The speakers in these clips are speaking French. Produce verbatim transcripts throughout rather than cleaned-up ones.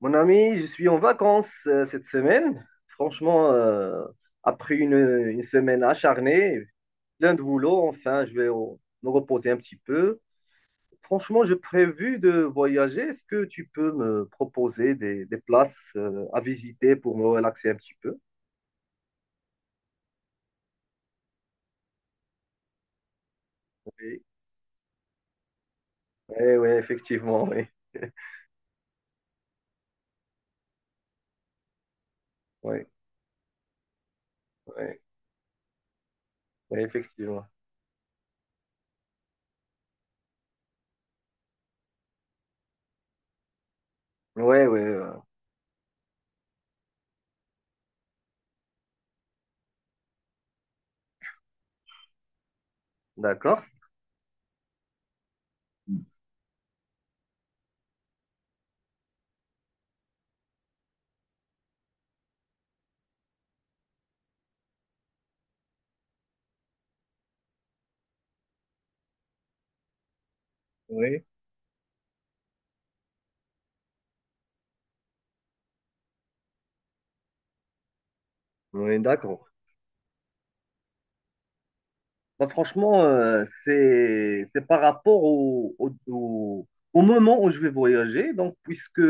Mon ami, je suis en vacances euh, cette semaine. Franchement, euh, après une, une semaine acharnée, plein de boulot, enfin, je vais au- me reposer un petit peu. Franchement, j'ai prévu de voyager. Est-ce que tu peux me proposer des, des places euh, à visiter pour me relaxer un petit peu? Oui, oui, oui, effectivement, oui. Oui, oui, oui, effectivement. Oui, oui, euh, d'accord. Oui, oui, d'accord. Bah, franchement, euh, c'est, c'est par rapport au, au, au- au moment où je vais voyager. Donc, puisque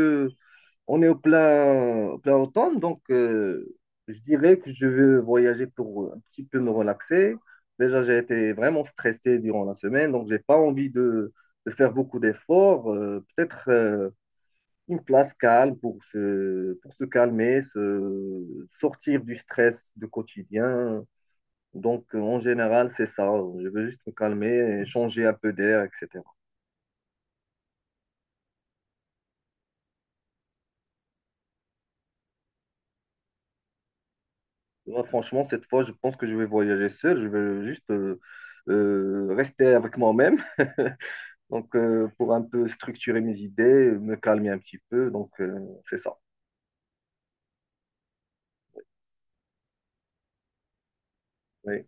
on est au plein, au plein automne, donc euh, je dirais que je vais voyager pour un petit peu me relaxer. Déjà, j'ai été vraiment stressé durant la semaine, donc j'ai pas envie de, de faire beaucoup d'efforts. Euh, peut-être euh, une place calme pour se, pour se calmer, se sortir du stress du quotidien, donc, euh, en général, c'est ça. Je veux juste me calmer et changer un peu d'air, et cetera. Là, franchement, cette fois, je pense que je vais voyager seul. Je vais juste euh, euh, rester avec moi-même. Donc, euh, pour un peu structurer mes idées, me calmer un petit peu. Donc, euh, c'est ça. Oui,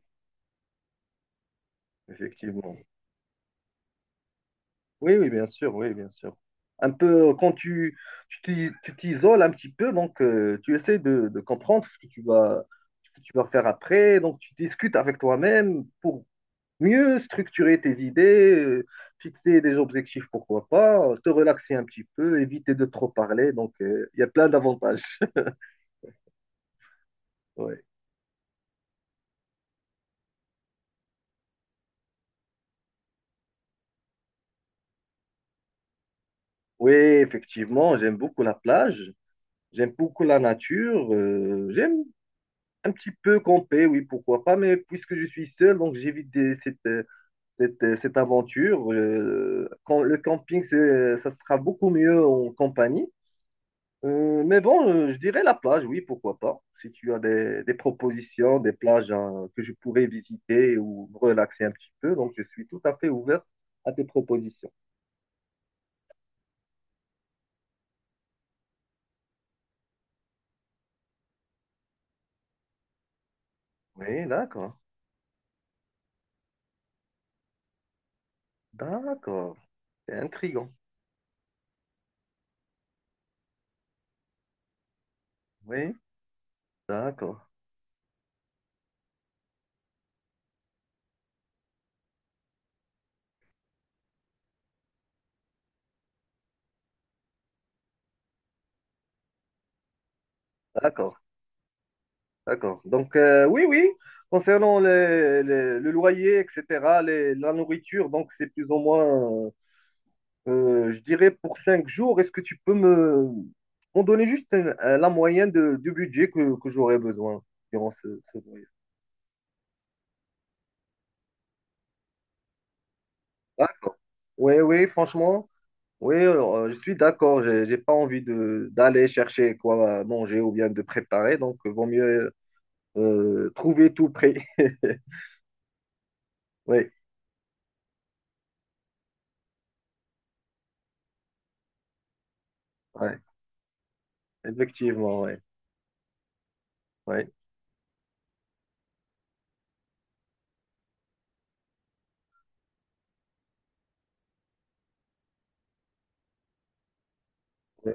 effectivement. Oui, oui, bien sûr. Oui, bien sûr. Un peu, euh, quand tu tu t'i- tu t'isoles un petit peu, donc euh, tu essaies de, de comprendre ce que tu vas, ce que tu vas faire après. Donc, tu discutes avec toi-même pour mieux structurer tes idées, euh, fixer des objectifs, pourquoi pas, te relaxer un petit peu, éviter de trop parler. Donc, euh, il y a plein d'avantages. Ouais. Oui, effectivement, j'aime beaucoup la plage, j'aime beaucoup la nature, euh, j'aime un petit peu camper, oui, pourquoi pas, mais puisque je suis seul, donc j'évite des- cette, euh, cette, euh, cette aventure. Euh, quand le camping, c'est- euh, ça sera beaucoup mieux en compagnie. Euh, mais bon, euh, je dirais la plage, oui, pourquoi pas. Si tu as des, des propositions, des plages, hein, que je pourrais visiter ou me relaxer un petit peu, donc je suis tout à fait ouvert à tes propositions. Oui, d'accord, d'accord. C'est intriguant. Oui, d'accord, d'accord, d'accord. Donc, euh, oui, oui, concernant les- les- le loyer, et cetera, les- la nourriture, donc c'est plus ou moins euh, Euh, je dirais pour cinq jours. Est-ce que tu peux me m'en donner juste un- un- la moyenne de, du budget que, que j'aurais besoin durant ce, ce voyage? D'accord. Oui, oui, franchement, oui, alors, euh, je suis d'accord. J'ai, j'ai pas envie de d'aller chercher quoi à manger ou bien de préparer, donc euh, vaut mieux euh, trouver tout prêt. Oui, ouais, effectivement, oui. Ouais. Ouais.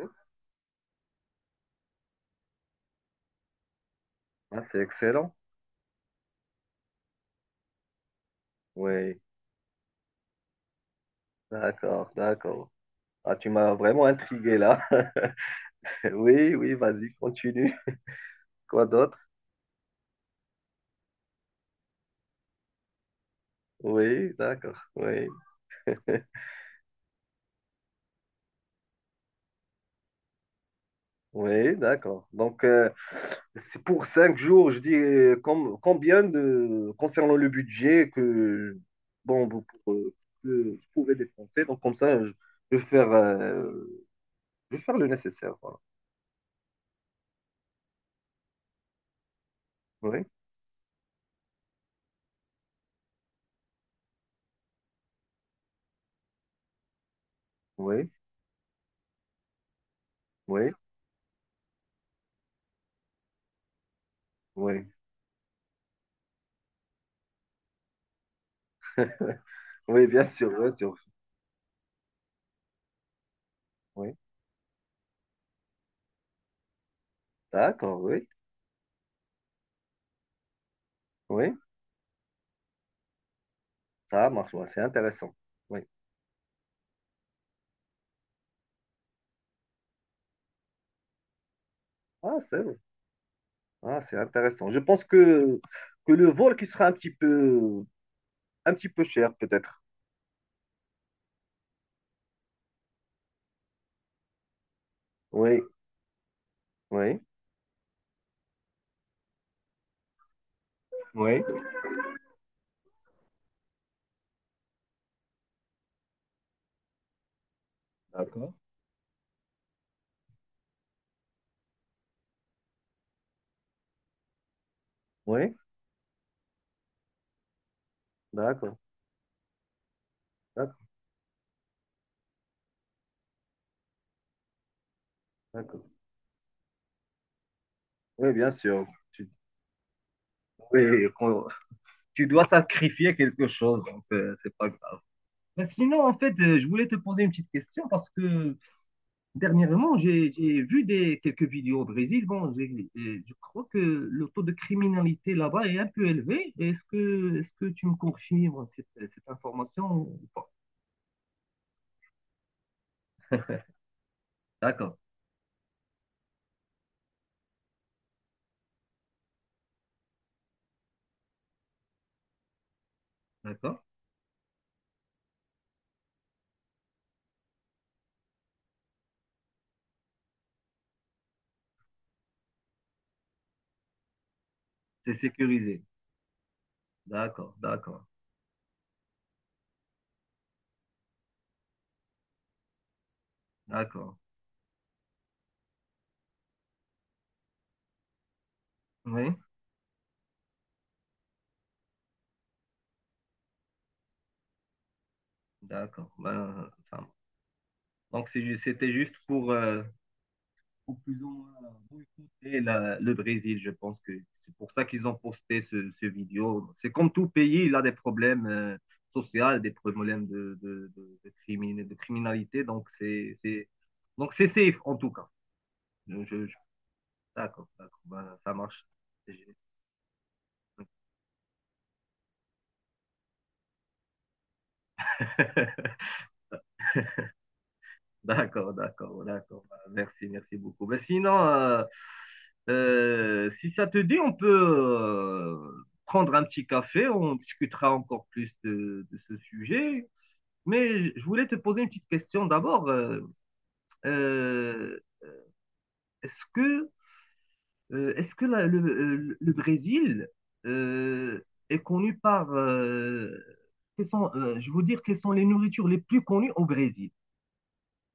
Ah, c'est excellent. Oui, d'accord, d'accord. Ah, tu m'as vraiment intrigué là. Oui, oui, vas-y, continue. Quoi d'autre? Oui, d'accord. Oui, oui, d'accord. Donc, euh, c'est pour cinq jours, je dis, euh, com- combien de, concernant le budget que, bon, vous, pour- euh, que vous pouvez dépenser. Donc, comme ça, je, je vais faire, euh, je vais faire le nécessaire. Voilà. Oui, oui, oui, oui. Oui, bien sûr, bien sûr. Oui, d'accord, oui, oui, ça marche, ouais, c'est intéressant. Oui, ah, c'est vrai. Ah, c'est intéressant. Je pense que, que le vol qui sera un petit peu un petit peu cher, peut-être. Oui, oui, oui. D'accord. Oui, d'accord, d'accord, d'accord. Oui, bien sûr. Tu, oui, qu'on- tu dois sacrifier quelque chose, donc euh, c'est pas grave. Mais sinon, en fait, euh, je voulais te poser une petite question parce que dernièrement, j'ai j'ai vu des, quelques vidéos au Brésil. Bon, j'ai- et je crois que le taux de criminalité là-bas est un peu élevé. Est-ce que, est-ce que tu me confirmes cette, cette information ou pas? D'accord, d'accord. C'est sécurisé. D'accord, d'accord. D'accord. Oui, d'accord. Ben, ça marche. donc, c'est ju- c'était juste pour, euh, pour plus ou moins boycotter la- le Brésil. Je pense que c'est pour ça qu'ils ont posté ce, ce vidéo. C'est comme tout pays, il a des problèmes euh, sociaux, des problèmes de, de, de, de, crimine- de criminalité. Donc, c'est, c'est, donc, c'est safe en tout cas. Je, je- je- d'accord, d'accord. Ben, ça marche. C'est génial. D'accord, d'accord, d'accord. Bah, Merci, merci beaucoup. Ben, sinon, euh, euh, si ça te dit, on peut euh, prendre un petit café, on discutera encore plus de, de ce sujet. Mais je je voulais te poser une petite question d'abord. Euh, euh, est-ce que, euh, est-ce que la- le, le- le Brésil euh, est connu par... euh, quelles sont, euh, je veux dire, quelles sont les nourritures les plus connues au Brésil,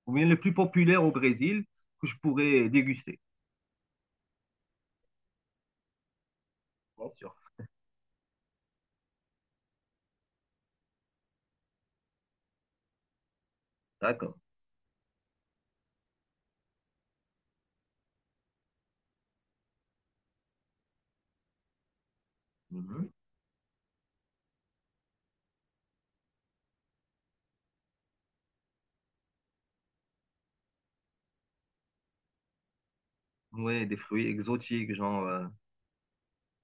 ou bien les plus populaires au Brésil que je pourrais déguster? Bien sûr. D'accord. Mhm. Oui, des fruits exotiques, genre. euh,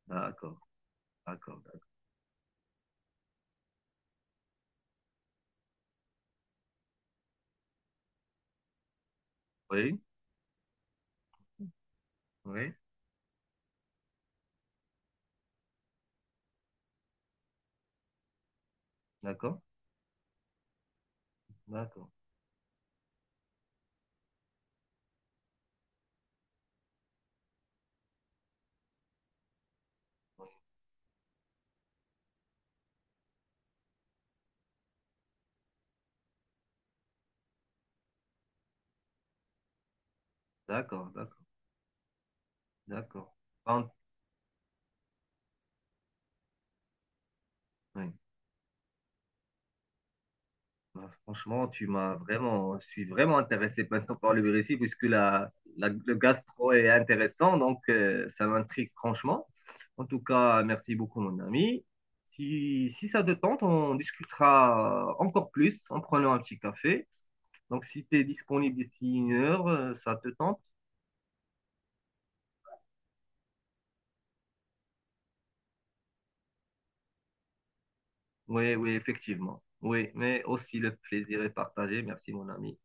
D'accord, d'accord, d'accord. Oui, oui, d'accord, d'accord, oui, d'accord, d'accord, d'accord. Quand- oui. Bah, franchement, tu m'as vraiment, je suis vraiment intéressé maintenant par le Brésil, puisque la, la- le gastro est intéressant, donc euh, ça m'intrigue franchement. En tout cas, merci beaucoup, mon ami. Si, si ça te tente, on discutera encore plus en prenant un petit café. Donc, si tu es disponible d'ici une heure, euh, ça te tente? Oui, oui, effectivement. Oui, mais aussi le plaisir est partagé. Merci, mon ami.